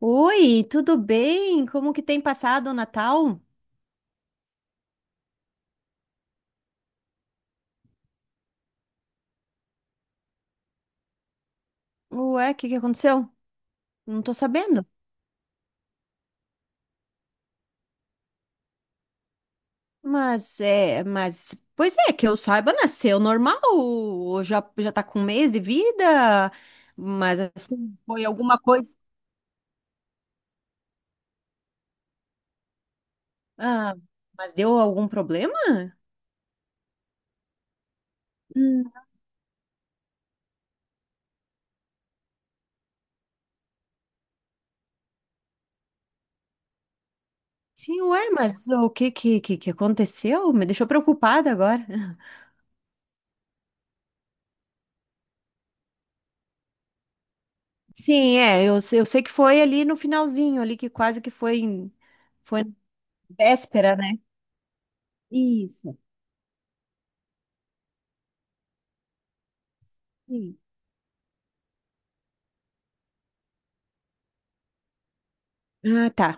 Oi, tudo bem? Como que tem passado o Natal? Ué, o que que aconteceu? Não tô sabendo. Mas é, mas pois é, que eu saiba, nasceu normal, ou já já tá com um mês de vida, mas assim, foi alguma coisa. Ah, mas deu algum problema? Hum, Sim, ué, mas o que que aconteceu? Me deixou preocupada agora. Sim, é, eu, eu sei que foi ali no finalzinho, ali que quase que foi em, foi na véspera, né? Isso. Sim. Ah, tá,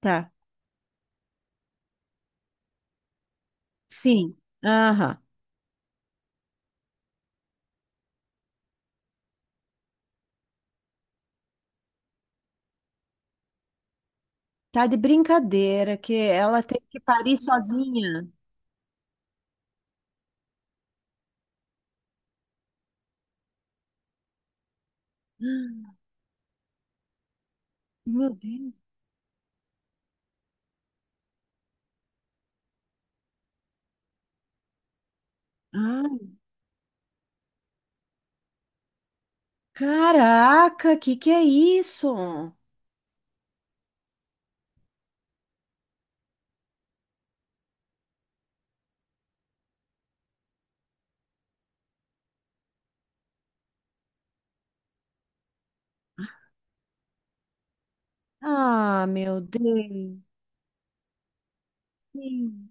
tá. Sim. Aham. Tá de brincadeira que ela teve que parir sozinha. Meu Deus. Ai, caraca, que é isso? Ah, meu Deus. Sim.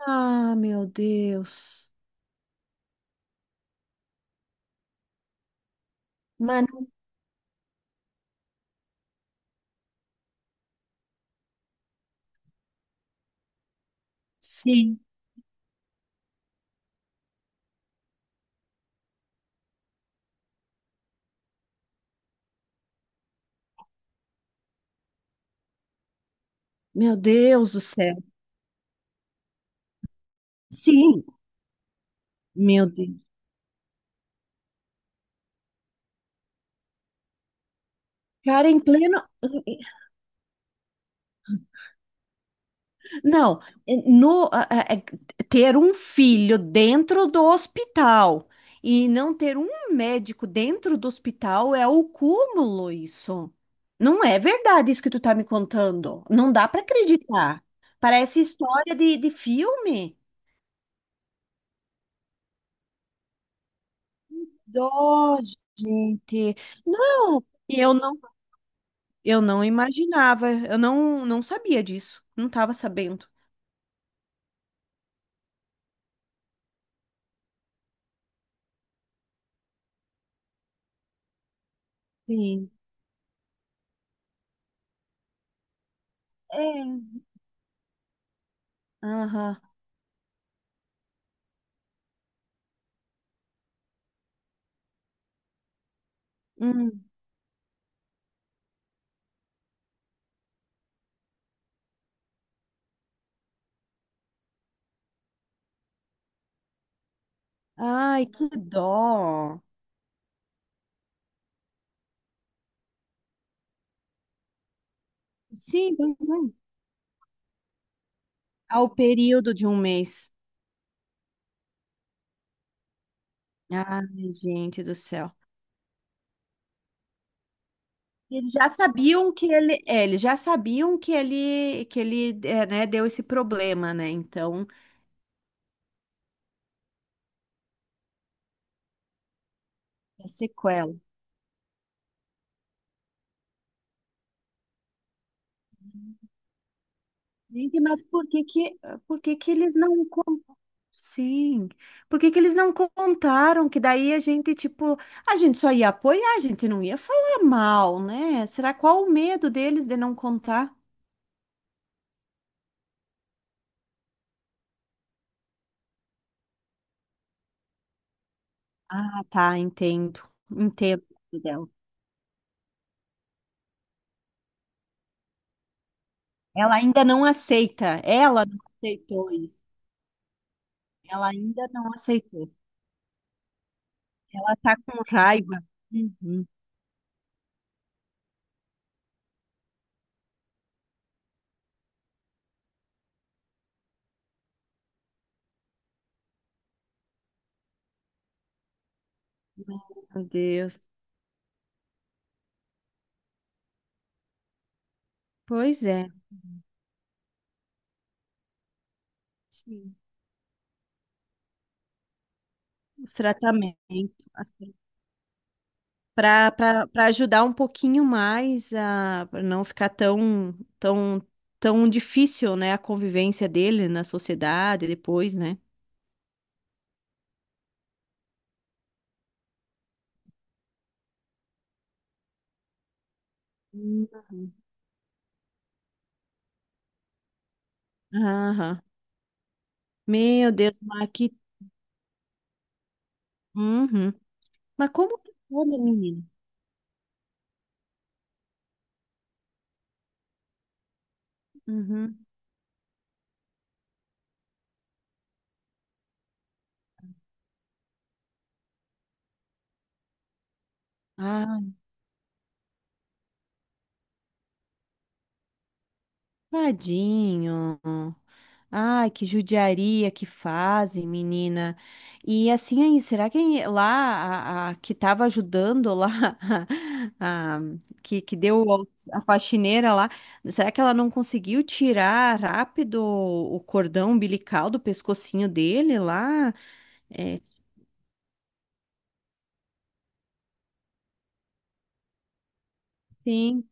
Ah, meu Deus. Mano, sim. Meu Deus do céu. Sim, meu Deus. Cara, em pleno, não, é, no, é, ter um filho dentro do hospital e não ter um médico dentro do hospital é o cúmulo isso. Não é verdade isso que tu tá me contando. Não dá para acreditar. Parece história de filme. Dó, gente. Não, e eu não imaginava, eu não, não sabia disso, não estava sabendo. Sim. É. Aham. Hum. Ai, que dó. Sim, pois é. Ao período de um mês. Ai, gente do céu. Eles já sabiam que ele, é, eles já sabiam que ele, é, né, deu esse problema, né? Então, é sequela. Gente, mas por que que eles não con- sim. Por que que eles não contaram que daí a gente, tipo, a gente só ia apoiar, a gente não ia falar mal, né? Será qual o medo deles de não contar? Ah, tá, entendo. Entendo. Dela. Ela ainda não aceita. Ela não aceitou isso. Ela ainda não aceitou. Ela tá com raiva. Uhum. Meu Deus. Pois é. Sim. Os tratamentos, para ajudar um pouquinho mais a pra não ficar tão tão tão difícil, né, a convivência dele na sociedade depois, né? Uhum. Aham. Meu Deus, mas que... Uhum. Mas como que pode, menina? Uhum. Ah, tadinho. Ai, que judiaria que fazem, menina. E assim aí, será que lá a, que estava ajudando lá, a, que, a faxineira lá, será que ela não conseguiu tirar rápido o cordão umbilical do pescocinho dele lá? É, sim,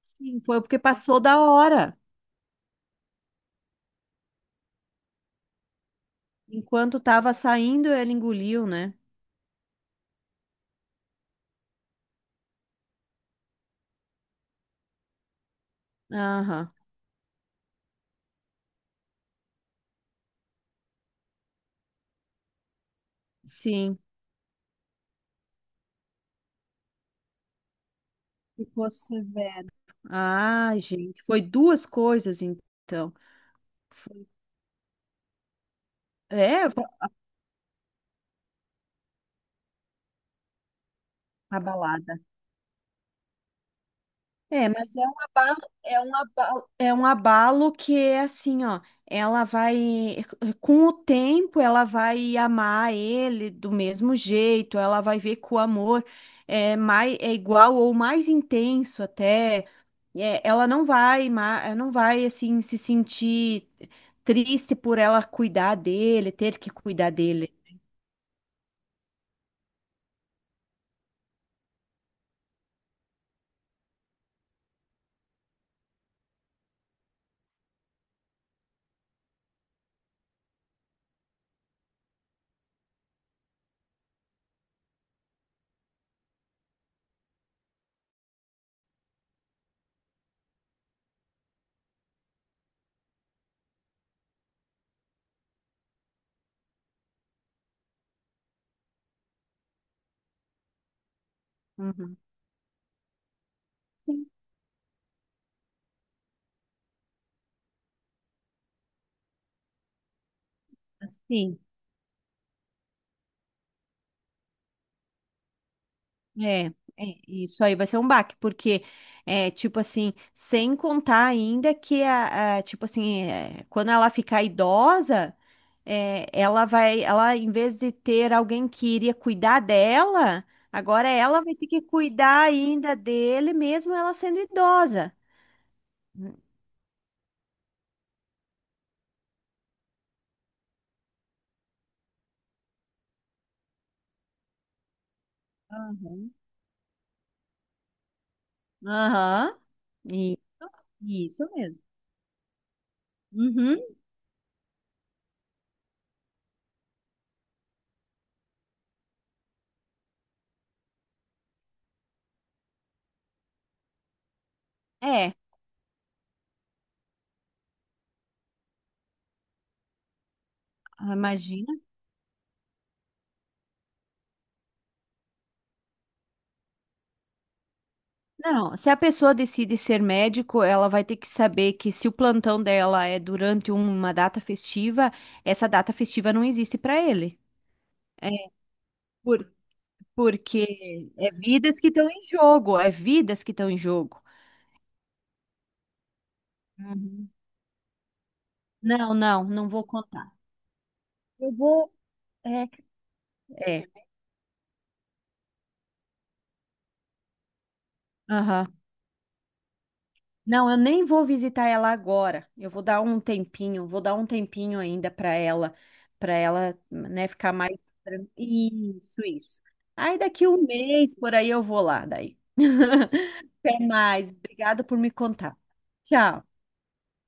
sim, foi porque passou da hora. Enquanto estava saindo, ela engoliu, né? Aham, sim. Ficou severo. Ah, gente, foi duas coisas então. Foi- É, foi uma balada. É, mas é um abalo, é um abalo, é um abalo que é assim, ó, ela vai, com o tempo, ela vai amar ele do mesmo jeito, ela vai ver que o amor é mais, é igual ou mais intenso até. É, ela não vai assim se sentir triste por ela cuidar dele, ter que cuidar dele. Uhum. Sim, é, é, isso aí vai ser um baque, porque é tipo assim, sem contar ainda que tipo assim, é, quando ela ficar idosa, é, ela vai, ela em vez de ter alguém que iria cuidar dela, agora ela vai ter que cuidar ainda dele, mesmo ela sendo idosa. Aham. Aham. E, isso mesmo. Uhum. É, imagina. Não, se a pessoa decide ser médico, ela vai ter que saber que se o plantão dela é durante uma data festiva, essa data festiva não existe para ele. É por- porque é vidas que estão em jogo, é vidas que estão em jogo. Uhum. Não, não, não vou contar. Eu vou. É, é. Aham. Não, eu nem vou visitar ela agora. Eu vou dar um tempinho, vou dar um tempinho ainda para ela, né, ficar mais isso, isso. Aí daqui um mês por aí eu vou lá daí. Até mais. Obrigada por me contar. Tchau.